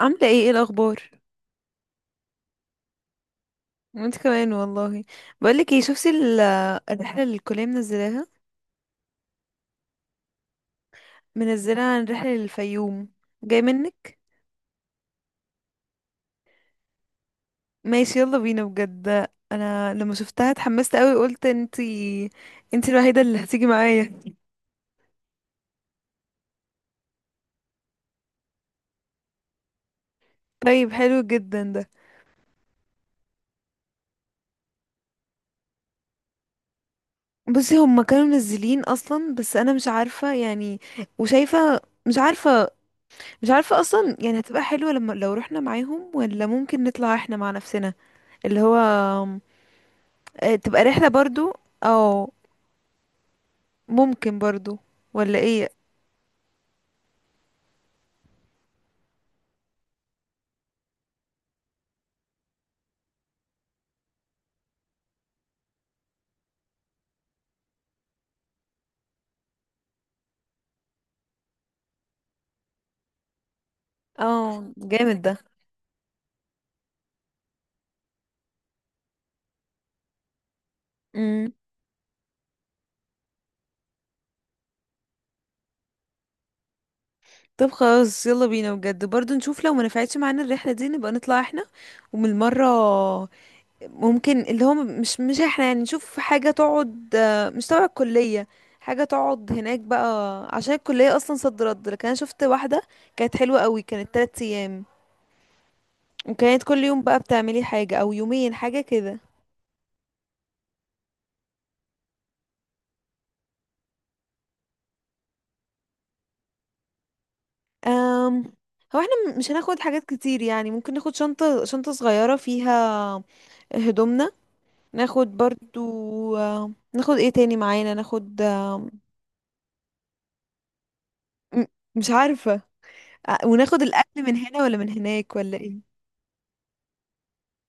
عاملة ايه الأخبار؟ وانت كمان والله. بقولك ايه، شفتي الرحلة اللي الكلية منزلاها؟ منزلها عن رحلة للفيوم، جاي منك؟ ماشي يلا بينا بجد، انا لما شفتها اتحمست قوي، قلت انتي الوحيدة اللي هتيجي معايا. طيب حلو جدا ده. بصي هما كانوا منزلين اصلا، بس انا مش عارفة يعني، وشايفة، مش عارفة مش عارفة اصلا يعني هتبقى حلوة لما لو رحنا معاهم، ولا ممكن نطلع احنا مع نفسنا، اللي هو تبقى رحلة برضو. او ممكن برضو، ولا ايه. اه جامد ده. امم. طب خلاص يلا بينا بجد، برضو نشوف لو ما نفعتش معانا الرحلة دي نبقى نطلع احنا. ومن المرة ممكن اللي هو مش احنا يعني، نشوف حاجة تقعد مش تبع الكلية، حاجة تقعد هناك بقى، عشان الكلية اصلا صد رد. لكن انا شفت واحدة كانت حلوة قوي، كانت تلات ايام، وكانت كل يوم بقى بتعملي حاجة او يومين حاجة كده. أم هو احنا مش هناخد حاجات كتير، يعني ممكن ناخد شنطة صغيرة فيها هدومنا، ناخد برضو ناخد ايه تاني معانا، ناخد م- مش عارفة. وناخد الأكل من هنا ولا من هناك ولا ايه.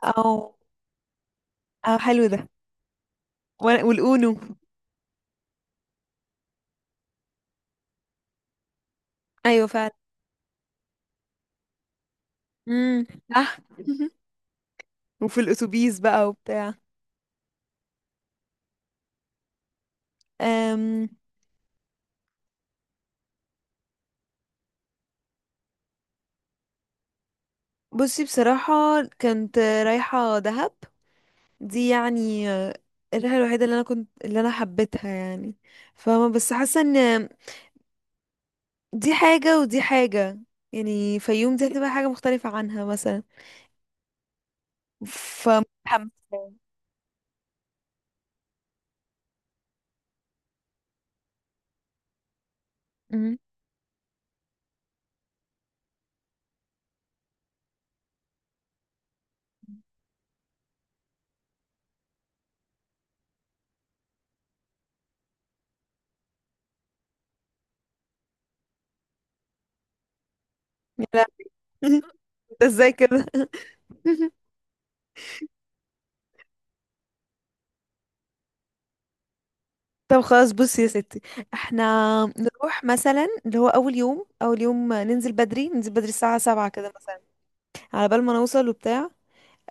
او او حلو ده. والأونو. ايوه فعلا. امم، صح. وفي الأتوبيس بقى وبتاع. أم بصي بصراحة كنت رايحة دهب، دي يعني الريحة الوحيدة اللي انا حبيتها يعني، فاهمة، بس حاسة ان دي حاجة ودي حاجة، يعني فيوم دي هتبقى حاجة مختلفة عنها مثلا. فمتحمسة. مهم. لا. انت ازاي كده؟ طب خلاص بصي يا ستي، احنا نروح مثلا اللي هو اول يوم، اول يوم ننزل بدري الساعة سبعة كده مثلا، على بال ما نوصل وبتاع.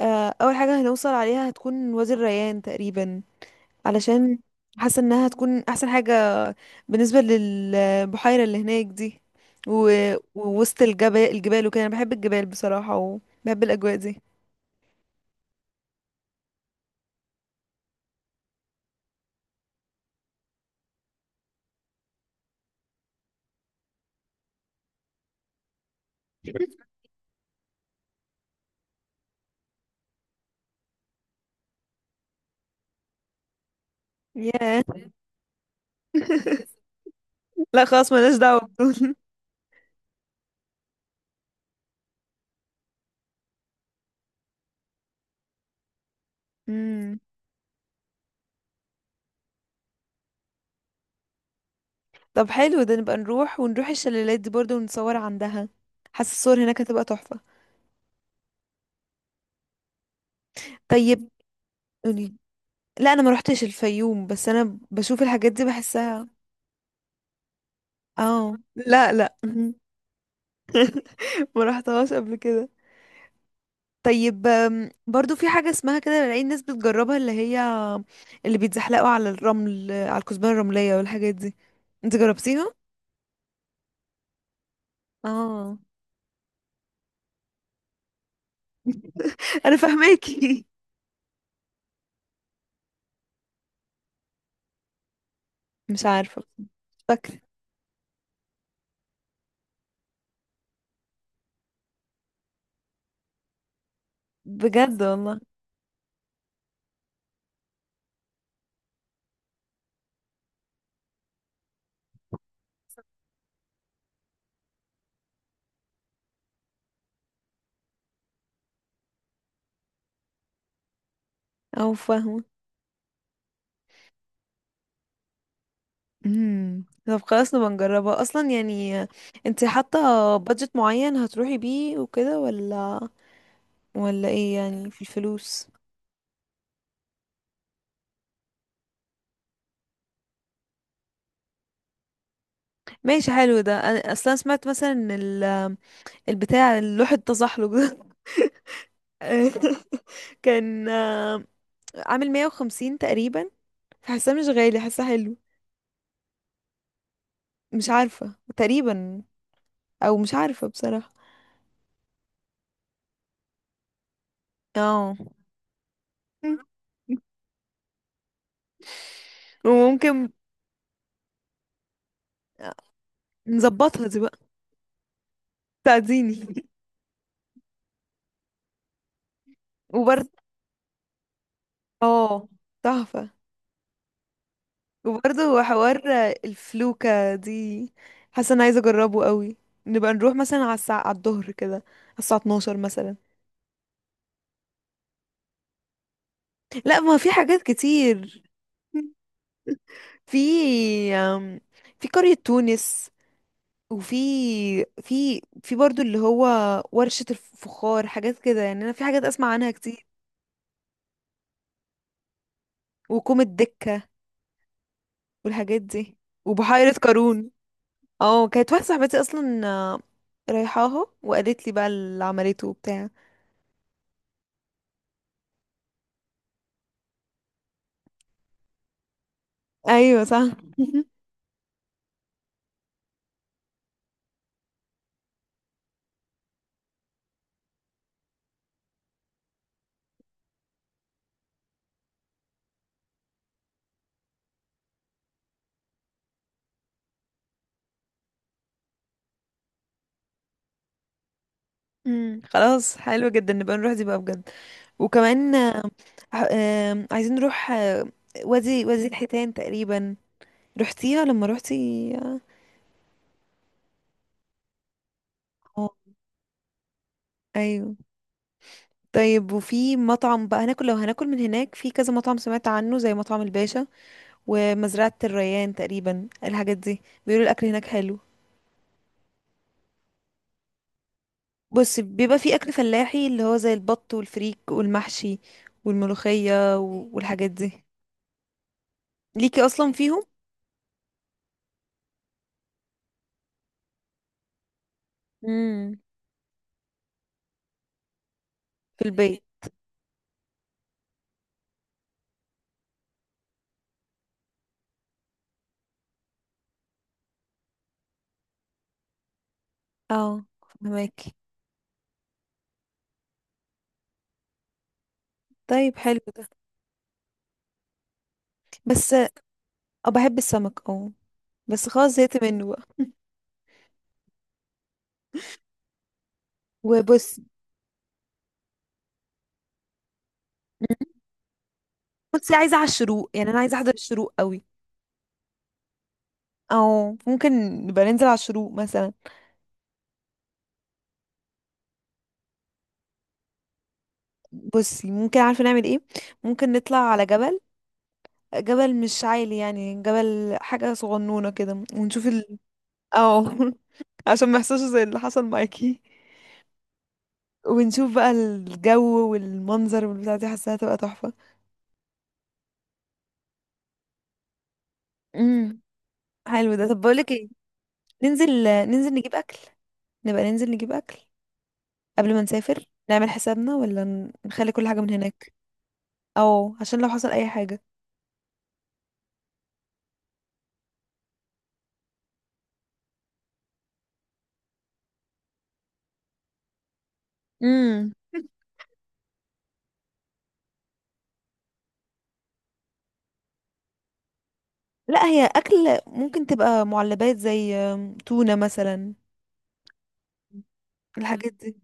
اول حاجة هنوصل عليها هتكون وادي الريان تقريبا، علشان حاسة انها هتكون احسن حاجة بالنسبة للبحيرة اللي هناك دي. و... ووسط الجبال، الجبال وكده، انا بحب الجبال بصراحة، وبحب الأجواء دي. ياه. لا خلاص، ملناش دعوة بدول. مم. طب حلو ده، نبقى نروح ونروح الشلالات دي برضه، ونصور عندها، حاسة الصور هناك هتبقى تحفة. طيب قولي، لا انا ما روحتش الفيوم، بس انا بشوف الحاجات دي بحسها. اه لا لا. ما رحتهاش قبل كده. طيب برضو في حاجة اسمها كده، بلاقي الناس بتجربها، اللي بيتزحلقوا على الرمل، على الكثبان الرملية والحاجات دي، انت جربتيها؟ اه. انا فاهماكي. مش عارفة، مش فاكرة. بجد والله. او فاهمة. طب خلاص نبقى نجربها اصلا يعني. انت حاطة بادجت معين هتروحي بيه وكده، ولا ايه يعني في الفلوس؟ ماشي حلو ده. انا اصلا سمعت مثلا ان البتاع اللوح التزحلق ده كان عامل 150 تقريبا، فحاساه مش غالي، حاساه حلو. مش عارفة تقريبا. او مش عارفة بصراحة. اه. وممكن آه، نظبطها دي بقى، تعزيني. وبرضه اه، تحفة. وبرضه حوار الفلوكة دي، حاسة انا عايزة اجربه قوي. نبقى نروح مثلا على الساعة، على الظهر كده، على الساعة 12 مثلا. لا ما في حاجات كتير. في أم، في قرية تونس، وفي في في برضو اللي هو ورشة الفخار، حاجات كده يعني، انا في حاجات اسمع عنها كتير، وكوم الدكة والحاجات دي، وبحيرة قارون. اه كانت واحدة صاحبتي اصلا رايحاها، وقالت لي بقى اللي عملته وبتاع. ايوه صح. خلاص حلو جدا، نبقى نروح دي بقى بجد. وكمان آه، آم، عايزين نروح وادي الحيتان تقريبا، رحتيها لما روحتي؟ اه ايوه. طيب وفي مطعم بقى هناكل، لو هناكل من هناك، في كذا مطعم سمعت عنه زي مطعم الباشا ومزرعة الريان تقريبا، الحاجات دي بيقولوا الأكل هناك حلو. بص بيبقى في أكل فلاحي اللي هو زي البط والفريك والمحشي والملوخية والحاجات دي، ليكي أصلا فيهم. امم. في البيت. اه فهماكي. طيب حلو ده. بس اه بحب السمك اه، بس خلاص زهقت منه بقى. وبص، بصي عايزة على الشروق يعني، أنا عايزة أحضر الشروق قوي. او ممكن نبقى ننزل على الشروق مثلا. بصي ممكن عارفه نعمل ايه، ممكن نطلع على جبل، جبل مش عالي يعني، جبل حاجه صغنونه كده، ونشوف ال. او. عشان ما يحصلش زي اللي حصل معاكي، ونشوف بقى الجو والمنظر والبتاع دي، حاساها هتبقى تحفه. امم حلو ده. طب بقولك ايه، ننزل نجيب اكل، نبقى ننزل نجيب اكل قبل ما نسافر، نعمل حسابنا ولا نخلي كل حاجه من هناك، او عشان لو حصل اي حاجه. امم. لا هي اكل ممكن تبقى معلبات زي تونة مثلا، الحاجات دي.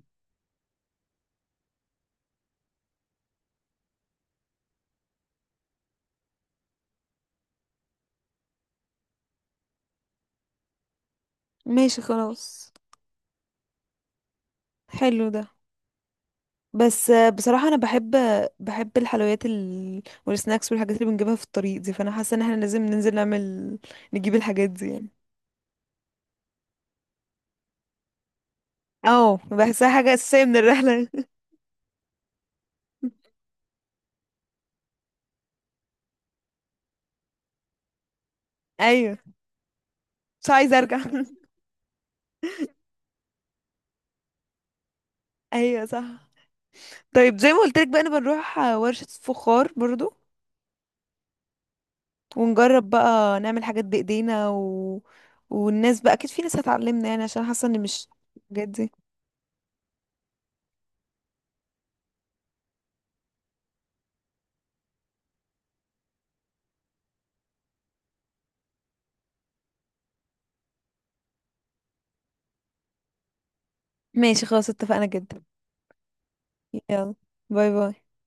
ماشي خلاص حلو ده. بس بصراحة انا بحب الحلويات، والسناكس والحاجات اللي بنجيبها في الطريق دي، فانا حاسة ان احنا لازم ننزل نعمل، نجيب الحاجات دي يعني، اه بحسها حاجة اساسية من الرحلة. ايوه مش عايزة ارجع. ايوه صح. طيب زي ما قلت لك بقى، انا بنروح ورشة فخار برضو، ونجرب بقى نعمل حاجات بايدينا و... والناس بقى اكيد في ناس هتعلمنا يعني، عشان حاسه ان مش الحاجات دي. ماشي خلاص اتفقنا جدا. يلا، باي باي.